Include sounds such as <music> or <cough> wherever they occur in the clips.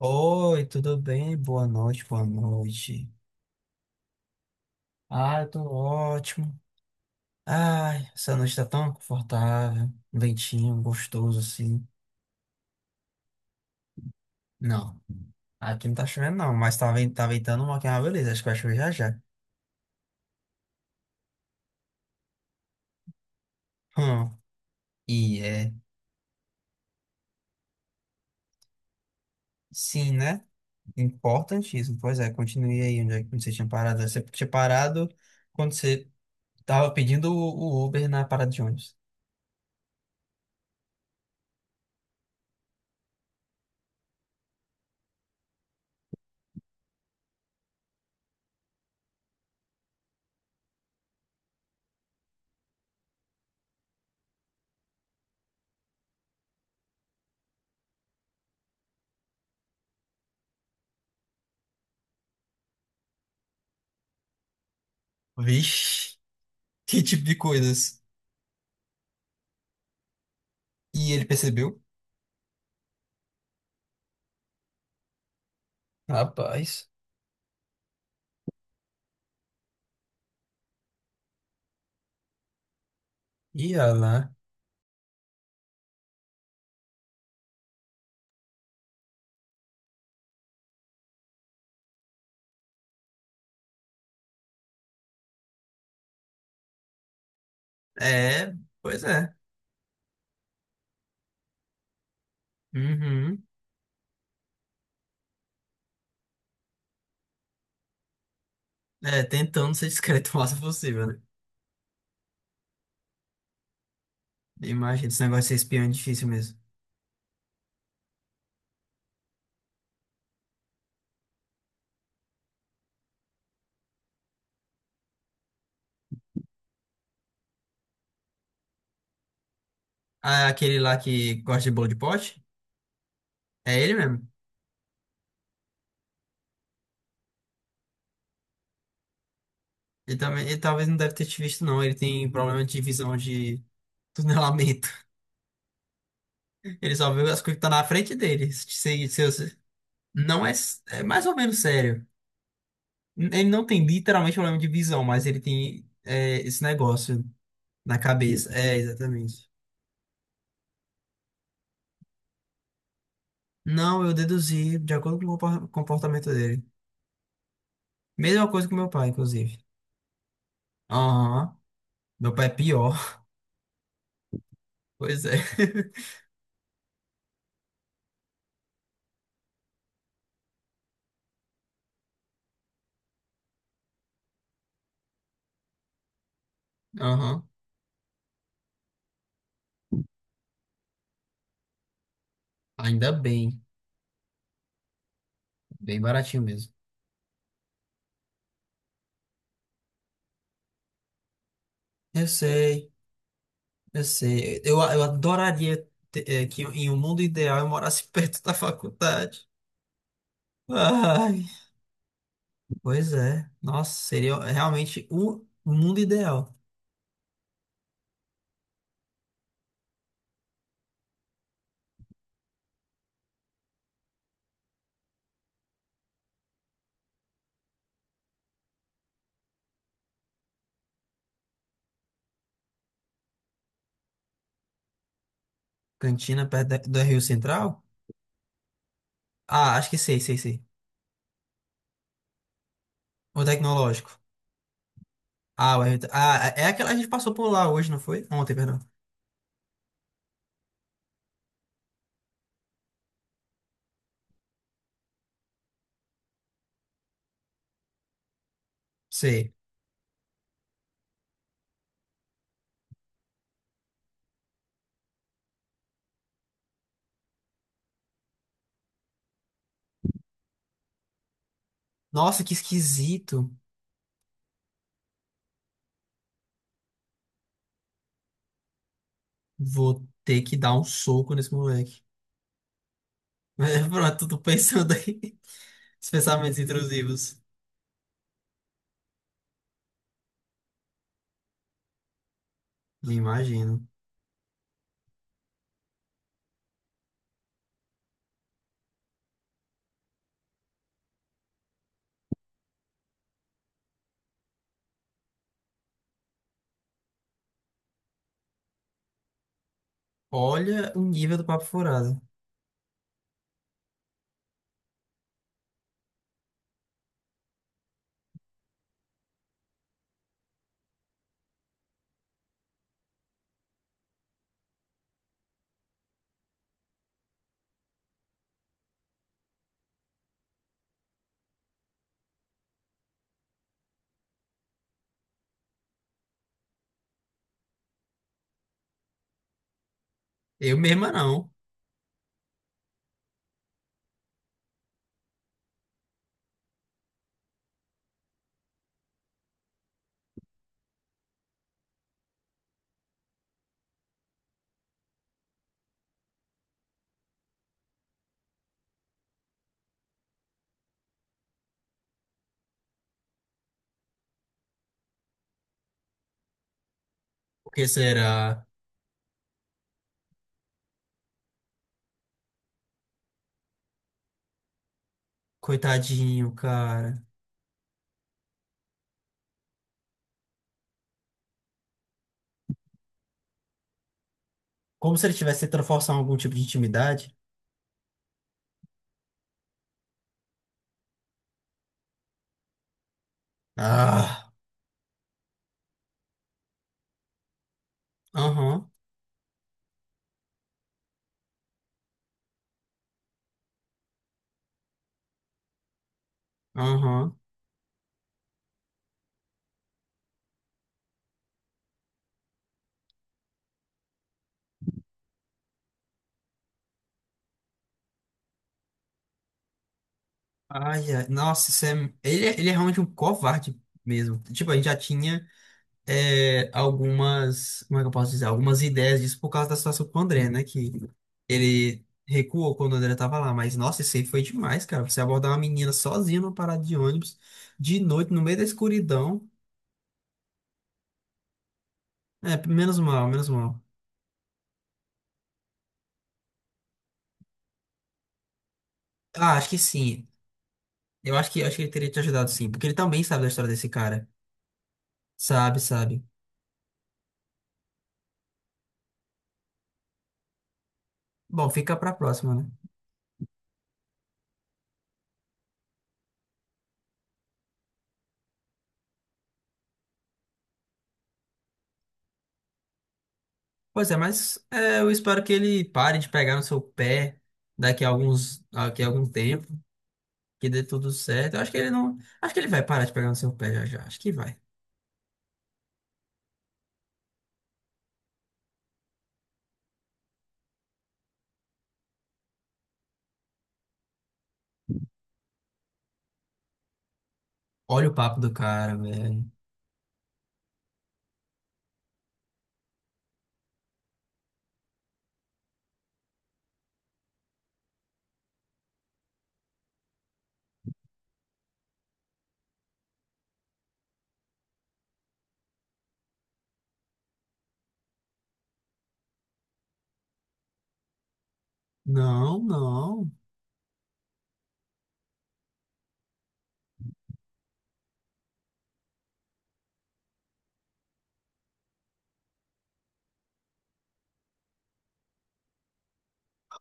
Oi, tudo bem? Boa noite, boa noite. Ah, eu tô ótimo. Ai, essa noite tá tão confortável, um ventinho gostoso assim. Não, aqui não tá chovendo não, mas tá, tá ventando uma que é uma beleza, acho que vai chover já já. Hum, e é, sim, né? Importantíssimo. Pois é, continue aí onde, onde você tinha parado. Você tinha parado quando você tava pedindo o Uber na parada de ônibus. Vixe, <laughs> que tipo de coisas. E ele percebeu? Rapaz. Ia lá. É, pois é. Uhum. É, tentando ser discreto o máximo possível, né? Imagina, esse negócio de ser espião é difícil mesmo. Ah, aquele lá que gosta de bolo de pote? É ele mesmo. Ele também, ele talvez não deve ter te visto, não. Ele tem um problema de visão de tunelamento. <laughs> Ele só vê as coisas que estão na frente dele. Não é, é mais ou menos sério. Ele não tem literalmente problema de visão, mas ele tem esse negócio na cabeça. É, exatamente. Não, eu deduzi de acordo com o comportamento dele. Mesma coisa com meu pai, inclusive. Aham. Meu pai é pior. <laughs> Pois é. Aham. Ainda bem. Bem baratinho mesmo. Eu sei, eu sei. Eu adoraria ter, que em um mundo ideal eu morasse <laughs> perto da faculdade. Ai. Pois é. Nossa, seria realmente o mundo ideal. Cantina perto do Rio Central? Ah, acho que sei, sei, sei. O tecnológico. Ah, o Everton. Ah, é aquela a gente passou por lá hoje, não foi? Ontem, perdão. Sei. Nossa, que esquisito. Vou ter que dar um soco nesse moleque. Mas <laughs> pronto, tô pensando aí. <laughs> Os pensamentos intrusivos. Me imagino. Olha o nível do papo furado. Eu mesma não. Porque será? Coitadinho, cara. Como se ele tivesse tentando forçar algum tipo de intimidade. Ah, aham, aham. Ai, ai. Nossa, isso é... Ele, ele é realmente um covarde mesmo. Tipo, a gente já tinha. É, algumas, como é que eu posso dizer, algumas ideias disso por causa da situação com o André, né? Que ele recuou quando o André tava lá, mas nossa, isso aí foi demais, cara. Você abordar uma menina sozinha numa parada de ônibus, de noite, no meio da escuridão. É, menos mal, menos mal. Ah, acho que sim. Eu acho acho que ele teria te ajudado sim, porque ele também sabe da história desse cara. Sabe, sabe. Bom, fica pra próxima, né? Pois é, eu espero que ele pare de pegar no seu pé daqui a daqui a algum tempo. Que dê tudo certo. Eu acho que ele não. Acho que ele vai parar de pegar no seu pé já já. Acho que vai. Olha o papo do cara, velho. Não, não.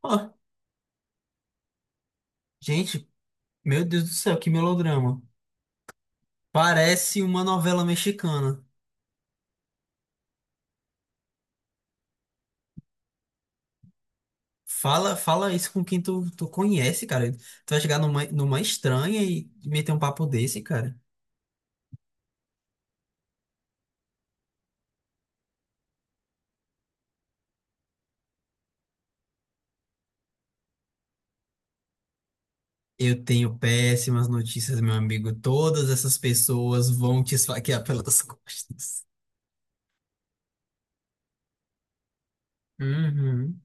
Ó, gente, meu Deus do céu, que melodrama. Parece uma novela mexicana. Fala, fala isso com quem tu conhece, cara. Tu vai chegar numa estranha e meter um papo desse, cara. Eu tenho péssimas notícias, meu amigo. Todas essas pessoas vão te esfaquear pelas <laughs> costas. Uhum.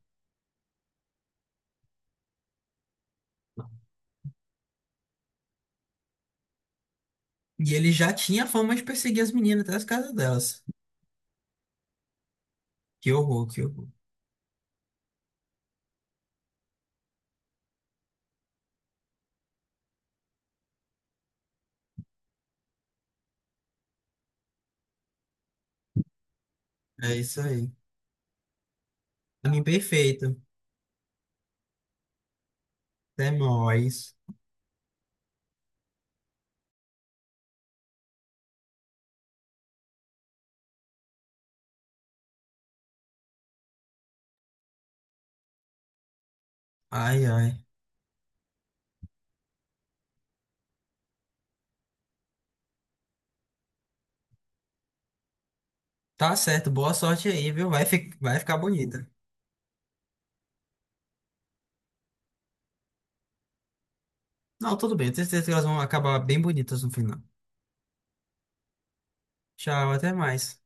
E ele já tinha fama de perseguir as meninas até as casas delas. Que horror, que horror. É isso aí. Caminho perfeito. Até mais. Ai, ai. Tá certo, boa sorte aí, viu? Vai ficar bonita. Não, tudo bem, eu tenho certeza que elas vão acabar bem bonitas no final. Tchau, até mais.